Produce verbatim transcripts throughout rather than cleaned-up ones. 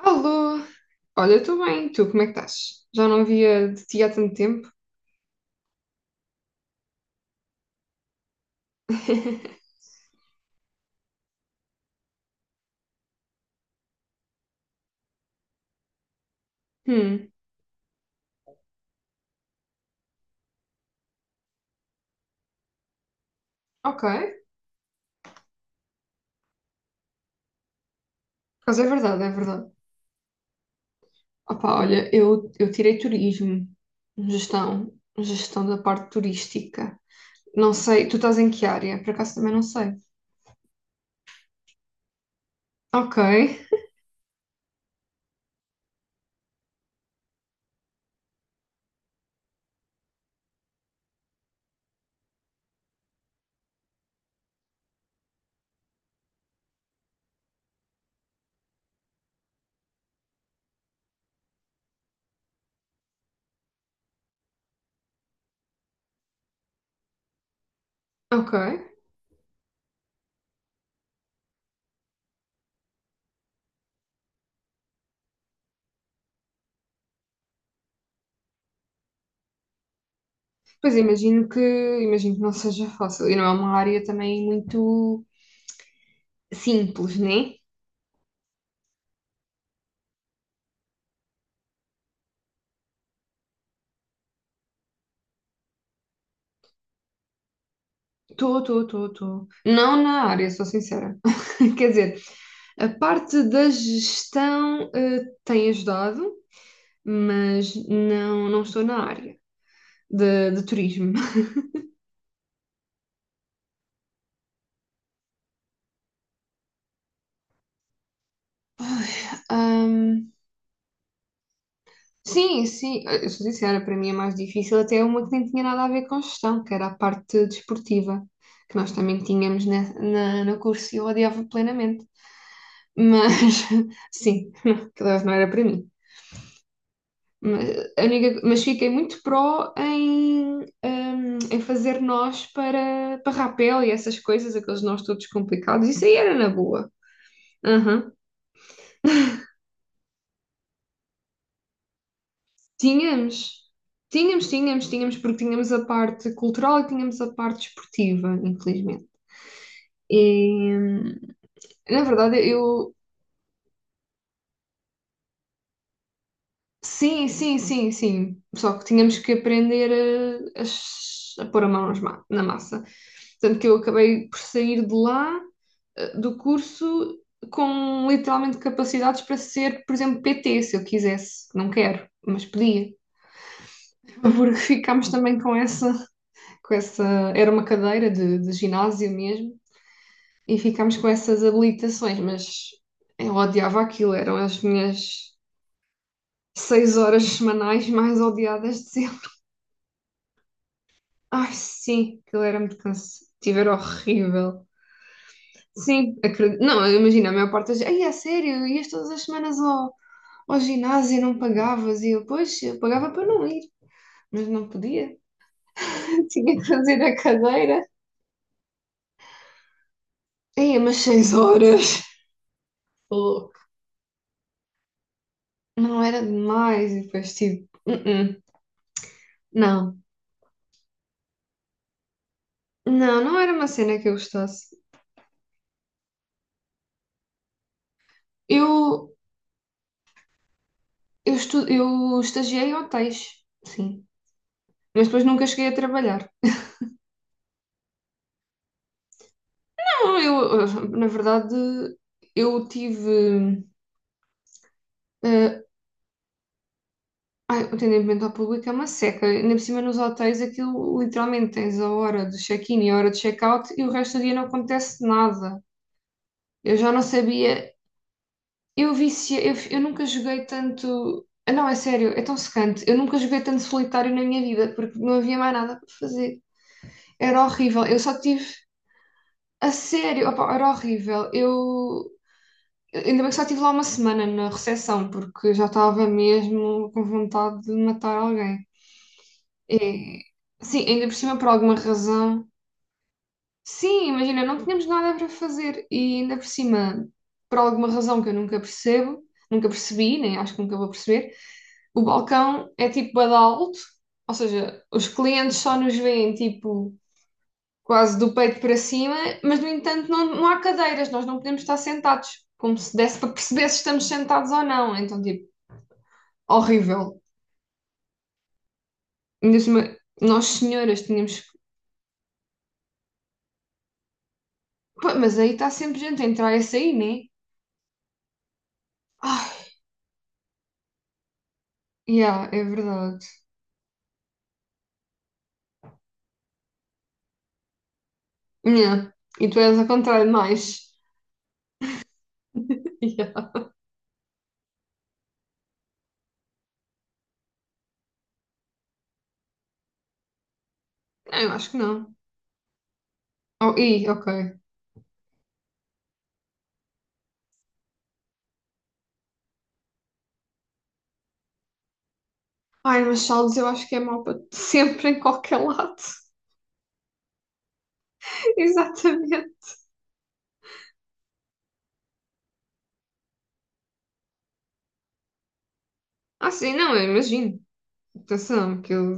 Alô! Olha, eu estou bem, tu, como é que estás? Já não via de ti há tanto tempo. Hum, ok. Por acaso é verdade, é verdade. Opá, olha, eu, eu tirei turismo, gestão, gestão da parte turística. Não sei, tu estás em que área? Por acaso também não sei. Ok, ok. Pois imagino que, imagino que não seja fácil. E não é uma área também muito simples, né? Estou, estou, estou, estou. Não na área, sou sincera. Quer dizer, a parte da gestão eh, tem ajudado, mas não, não estou na área de, de turismo. Ahm, sim, sim, eh, eu sou sincera, para mim é mais difícil até uma que nem tinha nada a ver com gestão, que era a parte desportiva, que nós também tínhamos ne- na, no curso e eu odiava plenamente. Mas sim, aquilo não era para mim. Mas a única- mas fiquei muito pró em, hum, em fazer nós para, para rapel e essas coisas, aqueles nós todos complicados. Isso aí era na boa. Aham. Tínhamos, tínhamos, tínhamos, tínhamos, porque tínhamos a parte cultural e tínhamos a parte esportiva, infelizmente. E hum, na verdade, eu. Sim, sim, sim, sim. Só que tínhamos que aprender a, a, s- a pôr a mão nas ma- na massa. Tanto que eu acabei por sair de lá, eh, do curso com literalmente capacidades para ser, por exemplo, P T, se eu quisesse. Não quero, mas podia. Porque ficámos também com essa, com essa, era uma cadeira de, de ginásio mesmo, e ficámos com essas habilitações, mas eu odiava aquilo, eram as minhas seis horas semanais mais odiadas de sempre. Ai, sim, aquilo era muito cansativo, era horrível. Sim, acredito. Não, imagina, a maior parte das. Ai, é sério, ias todas as semanas ao, ao ginásio, não pagavas, e eu, pois, eu pagava para não ir, mas não podia. Tinha que fazer a cadeira. Ia mas seis horas. Tô louco. Não era demais. E depois tipo, "Uh-uh, não." Não, não era uma cena que eu gostasse. Eu, eu, estu, eu estagiei em hotéis, sim. Mas depois nunca cheguei a trabalhar. Não, eu, eh, na verdade, eu tive eh, ai, o atendimento ao público é uma seca. Ainda por cima nos hotéis aquilo literalmente tens a hora do check-in e a hora do check-out e o resto do dia não acontece nada. Eu já não sabia. Eu vicia, eu, eu nunca joguei tanto. Ah, não, é sério, é tão secante. Eu nunca joguei tanto solitário na minha vida porque não havia mais nada para fazer. Era horrível. Eu só tive. A sério, opa, era horrível. Eu. Ainda bem que só estive lá uma semana na recepção porque eu já estava mesmo com vontade de matar alguém. É, sim, ainda por cima, por alguma razão. Sim, imagina, não tínhamos nada para fazer e ainda por cima, por alguma razão que eu nunca percebo, nunca percebi, nem acho que nunca vou perceber, o balcão é tipo bué de alto, ou seja, os clientes só nos veem tipo quase do peito para cima, mas no entanto não, não há cadeiras, nós não podemos estar sentados, como se desse para perceber se estamos sentados ou não. Então, tipo, horrível. Ainda por cima, nós senhoras tínhamos. Pá, mas aí está sempre gente a entrar e a sair, né? Ah, yeah, é verdade. Yeah. E tu és ao contrário, mais. Yeah. Não, eu acho que não. Oh, e, ok. Ai, mas saldos eu acho que é mau para sempre, em qualquer lado. Exatamente. Ah, sim, não, eu imagino. Atenção, que eu.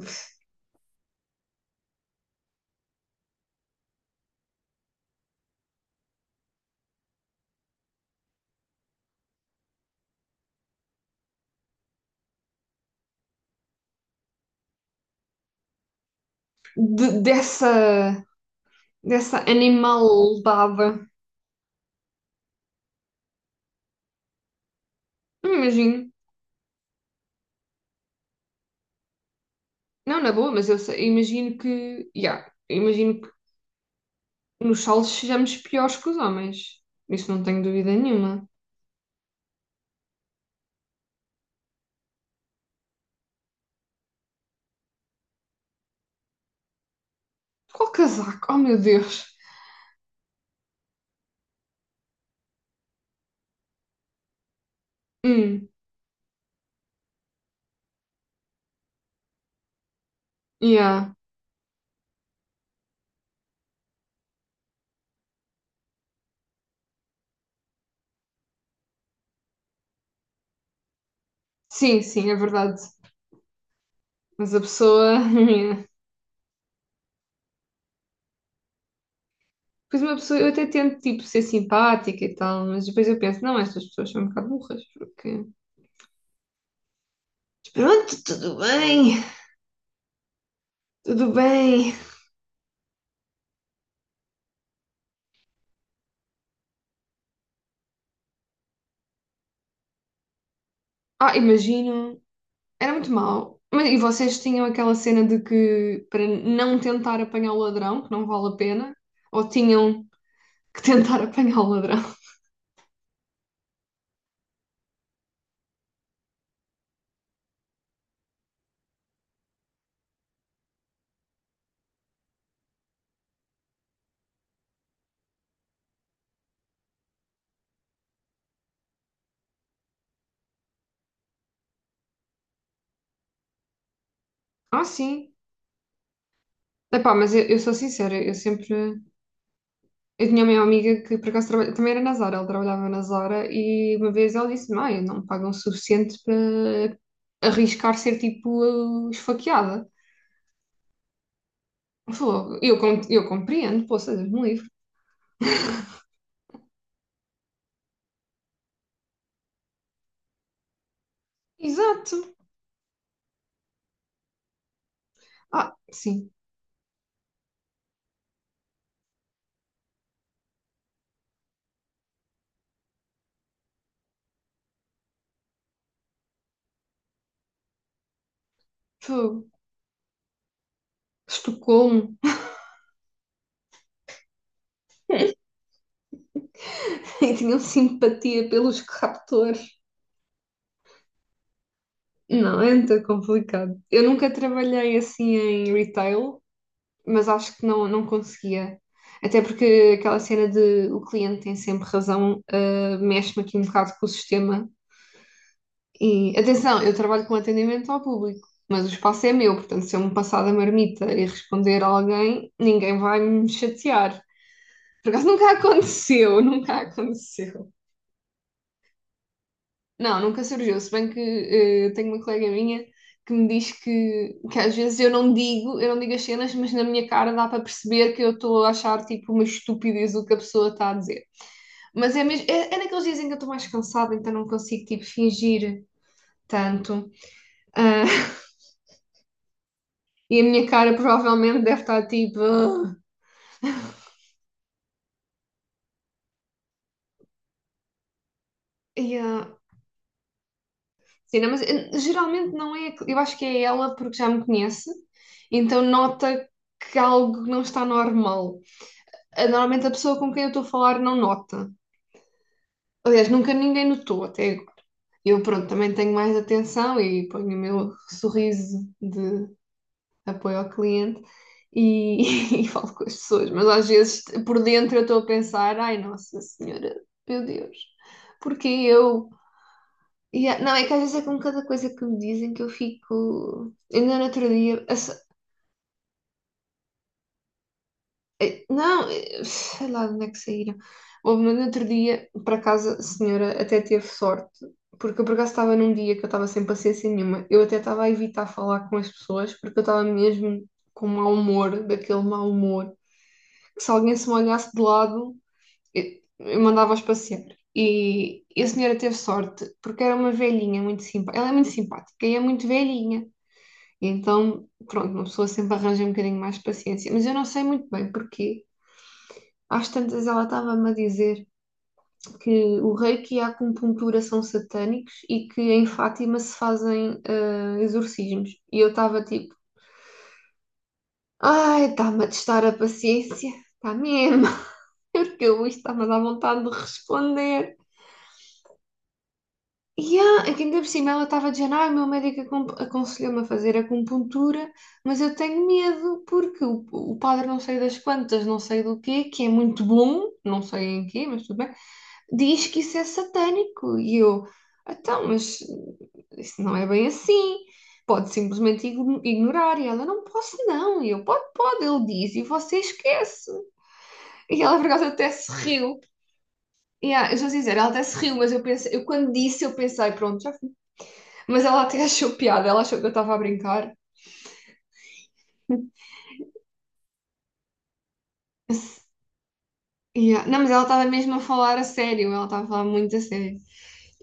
De- dessa, dessa animalada. Não imagino. Não, na boa, mas eu sei- imagino que. Yeah, imagino que nos saldos sejamos piores que os homens. Isso não tenho dúvida nenhuma. Qual casaco? Oh meu Deus! Hum, yeah. Sim, sim, é verdade. Mas a pessoa. Yeah. Depois uma pessoa, eu até tento tipo ser simpática e tal, mas depois eu penso, não, estas pessoas são um bocado burras, porque. Mas pronto, tudo bem, tudo bem. Ah, imagino, era muito mau. Mas, e vocês tinham aquela cena de que para não tentar apanhar o ladrão, que não vale a pena, ou tinham que tentar apanhar o ladrão? Ah, sim. Epá, mas eu, eu sou sincera, eu sempre. Eu tinha uma amiga que por acaso trabalha, também era na Zara, ela trabalhava na Zara e uma vez ela disse: mãe, não me pagam o suficiente para arriscar ser tipo esfaqueada. Ela falou, eu, com- eu compreendo, poça, Deus me livre. Exato. Ah, sim. Fogo. Estocolmo. E tinham simpatia pelos captores. Não, é muito complicado. Eu nunca trabalhei assim em retail, mas acho que não, não conseguia. Até porque aquela cena de o cliente tem sempre razão, ah, mexe-me aqui um bocado com o sistema. E atenção, eu trabalho com atendimento ao público, mas o espaço é meu, portanto, se eu me passar da marmita e responder a alguém, ninguém vai me chatear. Por acaso nunca aconteceu, nunca aconteceu. Não, nunca surgiu. Se bem que eh, tenho uma colega minha que me diz que, que às vezes eu não digo, eu não digo as cenas, mas na minha cara dá para perceber que eu estou a achar tipo uma estupidez o que a pessoa está a dizer. Mas é mesmo, é, é naqueles dias em que eu estou mais cansada, então não consigo tipo fingir tanto. Ah, e a minha cara provavelmente deve estar tipo. "Ah". E, ah, sim, não, mas eh, geralmente não é. Eu acho que é ela porque já me conhece, então nota que algo não está normal. Eh, normalmente a pessoa com quem eu estou a falar não nota. Aliás, nunca ninguém notou até agora. Eu, pronto, também tenho mais atenção e ponho o meu sorriso de apoio ao cliente e e falo com as pessoas. Mas às vezes, por dentro, eu estou a pensar: ai, Nossa Senhora, meu Deus, porque eu. E é- não, é que às vezes é com cada coisa que me dizem que eu fico. Ainda no outro dia, a. Eh, Não, eh, sei lá de onde é que saíram. Houve no outro dia, por acaso, a senhora até teve sorte, porque eu por acaso estava num dia que eu estava sem paciência nenhuma. Eu até estava a evitar falar com as pessoas, porque eu estava mesmo com mau humor, daquele mau humor, que se alguém se me olhasse de lado, eu, eu mandava-os passear. E, e a senhora teve sorte, porque era uma velhinha muito simpática. Ela é muito simpática e é muito velhinha. E então, pronto, uma pessoa sempre arranja um bocadinho mais de paciência. Mas eu não sei muito bem porquê. Às tantas ela estava-me a dizer que o reiki e a acupuntura são satânicos e que em Fátima se fazem ah, exorcismos. E eu estava tipo, ai, está-me a testar a paciência, está mesmo, porque eu isto está-me a dar vontade de responder. E ah, é que ainda por cima ela estava dizendo, ai, o meu médico acon- aconselhou-me a fazer acupuntura, mas eu tenho medo porque o, o padre não sei das quantas, não sei do quê, que é muito bom, não sei em quê, mas tudo bem diz que isso é satânico. E eu, então, mas isso não é bem assim. Pode simplesmente igno- ignorar. E ela, não posso não. E eu, pode, pode. Ele diz e você esquece. E ela, por acaso, até se riu. E ah, eu vou dizer, ela até se riu, mas eu pensei, eu quando disse, eu pensei, pronto, já fui. Mas ela até achou piada, ela achou que eu estava a brincar. Yeah. Não, mas ela estava mesmo a falar a sério, ela estava a falar muito a sério.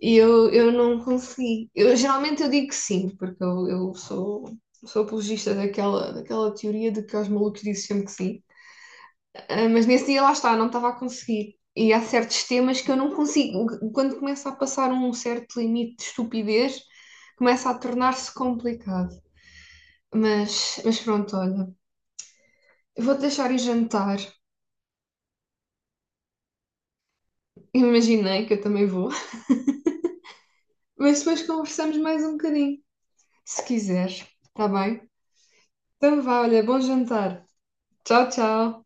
E eu, eu não consegui. Eu, geralmente eu digo que sim, porque eu, eu sou, sou apologista daquela, daquela teoria de que aos malucos dizem sempre que sim. Ah, mas nesse dia lá está, não estava a conseguir. E há certos temas que eu não consigo. Quando começa a passar um certo limite de estupidez, começa a tornar-se complicado. Mas, mas pronto, olha. Vou-te deixar ir jantar. Imaginei que eu também vou. Mas depois conversamos mais um bocadinho, se quiseres. Está bem? Então vá, olha, bom jantar. Tchau, tchau.